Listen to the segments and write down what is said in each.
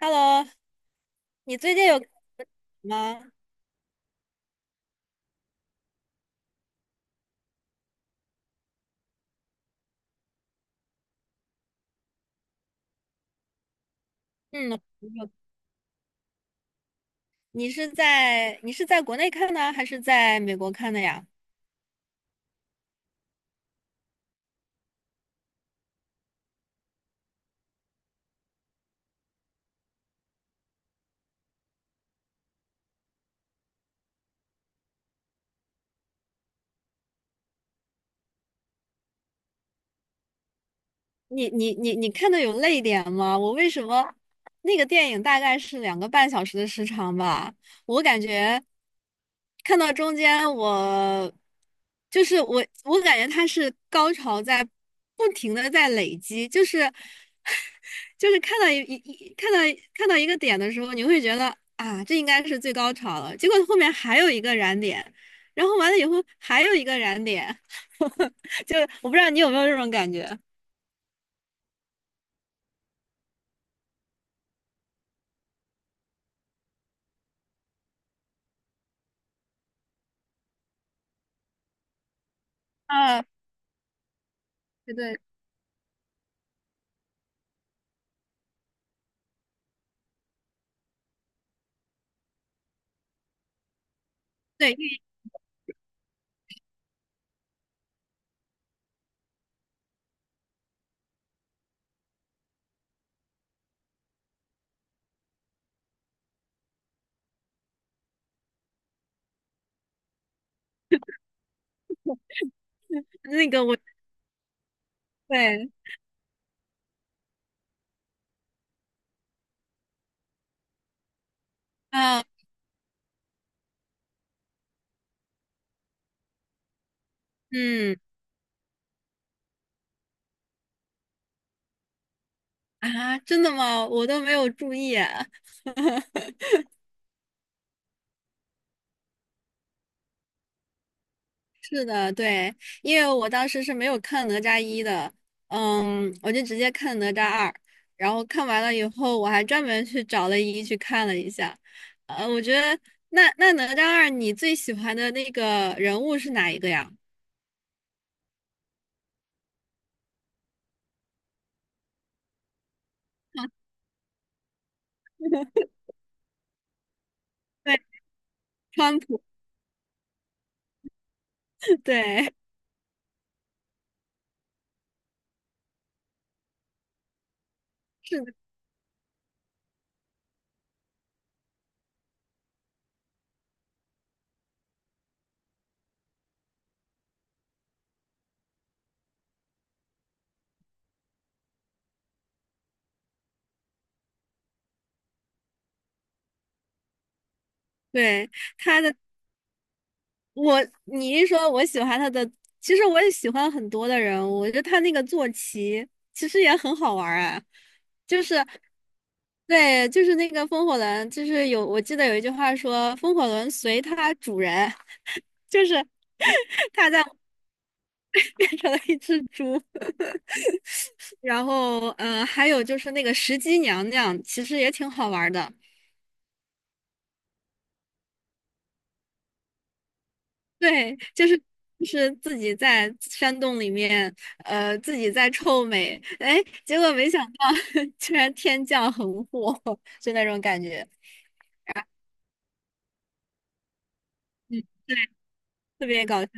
Hello，你最近有吗？嗯，有。你是在国内看的，还是在美国看的呀？你看的有泪点吗？我为什么那个电影大概是2.5个小时的时长吧？我感觉看到中间我感觉它是高潮在不停的在累积，就是 就是看到一个点的时候，你会觉得啊，这应该是最高潮了，结果后面还有一个燃点，然后完了以后还有一个燃点，就我不知道你有没有这种感觉。啊，对对对，那个我对，啊，嗯啊，真的吗？我都没有注意啊。是的，对，因为我当时是没有看哪吒一的，嗯，我就直接看哪吒二，然后看完了以后，我还专门去找了一去看了一下。我觉得那哪吒二，你最喜欢的那个人物是哪一个呀？对，川普，对，是的，对，他的。你一说我喜欢他的，其实我也喜欢很多的人物，我觉得他那个坐骑其实也很好玩儿啊，就是对，就是那个风火轮，就是有我记得有一句话说风火轮随它主人，就是 它在变成了一只猪，然后嗯、还有就是那个石矶娘娘，其实也挺好玩儿的。对，就是自己在山洞里面，自己在臭美，哎，结果没想到 居然天降横祸，就那种感觉，嗯，特别搞笑。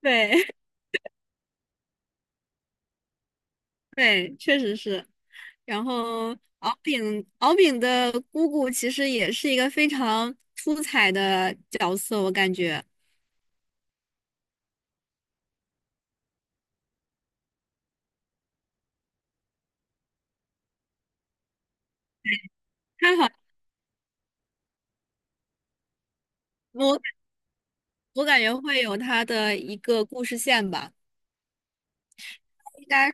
对 对，确实是。然后敖丙的姑姑其实也是一个非常出彩的角色，我感觉她好，我我感觉会有她的一个故事线吧，应该。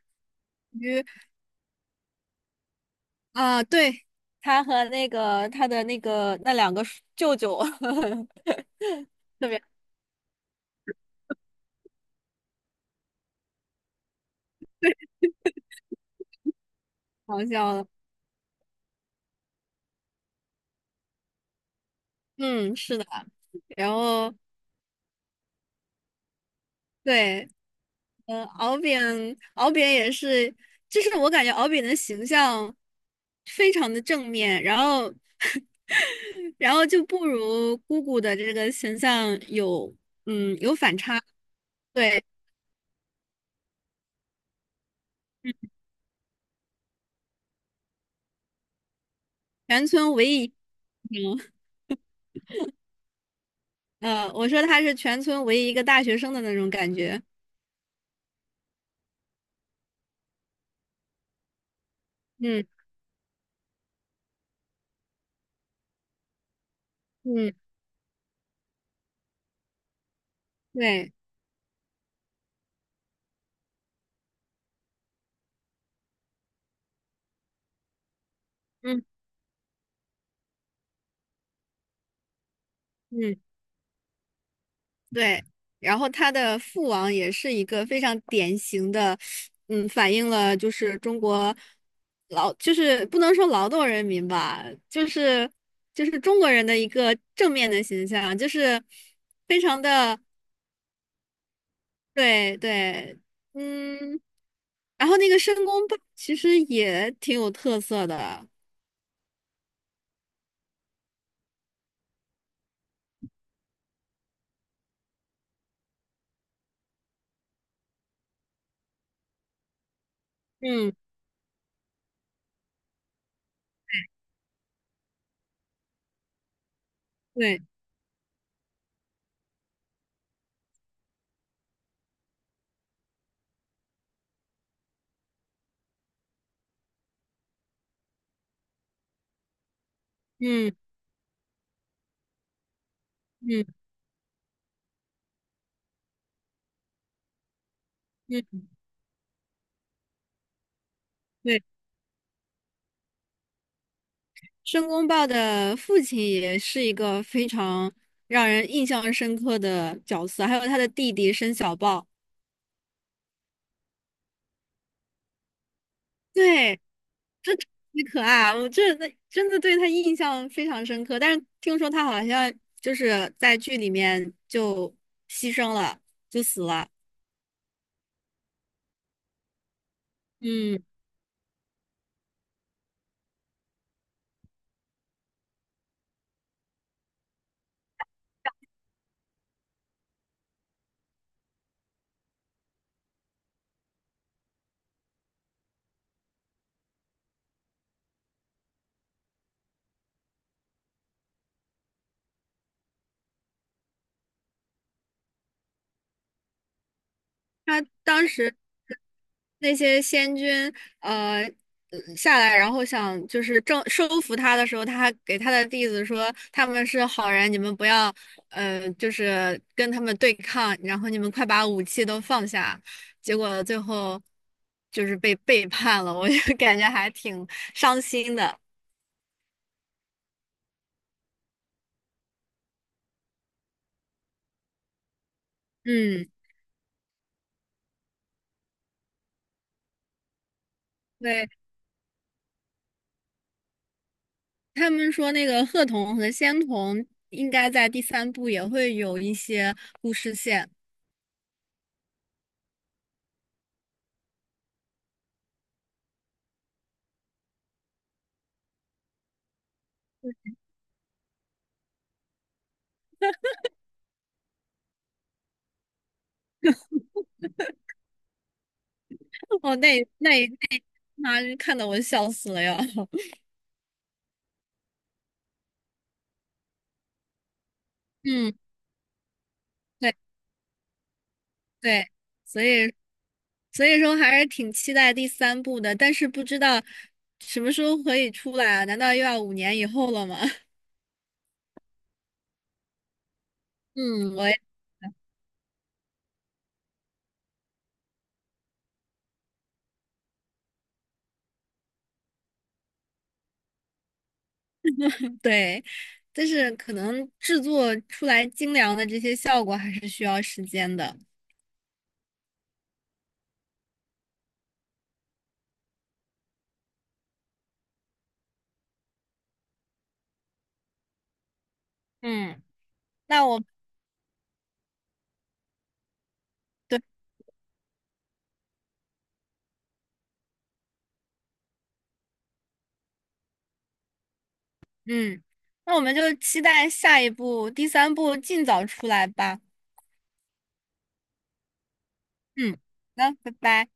属于。啊，对，他和他的那两个舅舅 特别好笑的嗯，是的。然后对，嗯，敖丙也是，就是我感觉敖丙的形象非常的正面，然后 然后就不如姑姑的这个形象有反差。对，全村唯一，嗯，我说他是全村唯一一个大学生的那种感觉。嗯嗯，对。嗯嗯，对。然后他的父王也是一个非常典型的，嗯，反映了就是中国就是不能说劳动人民吧，就是就是中国人的一个正面的形象，就是非常的，对对，嗯。然后那个申公豹其实也挺有特色的，嗯，对，嗯嗯嗯，对。申公豹的父亲也是一个非常让人印象深刻的角色，还有他的弟弟申小豹，对，特可爱，我真的真的对他印象非常深刻。但是听说他好像就是在剧里面就牺牲了，就死了。嗯，他当时。那些仙君呃下来，然后想就是正收服他的时候，他还给他的弟子说他们是好人，你们不要就是跟他们对抗，然后你们快把武器都放下。结果最后就是被背叛了，我就 感觉还挺伤心的。嗯，对，他们说那个鹤童和仙童应该在第三部也会有一些故事线。哦，那妈看得我笑死了呀！嗯，对对，所以所以说还是挺期待第三部的，但是不知道什么时候可以出来啊？难道又要5年以后了吗？嗯，我也对，但是可能制作出来精良的这些效果还是需要时间的。嗯，那我嗯，那我们就期待下一部第三部尽早出来吧。嗯，好的拜拜。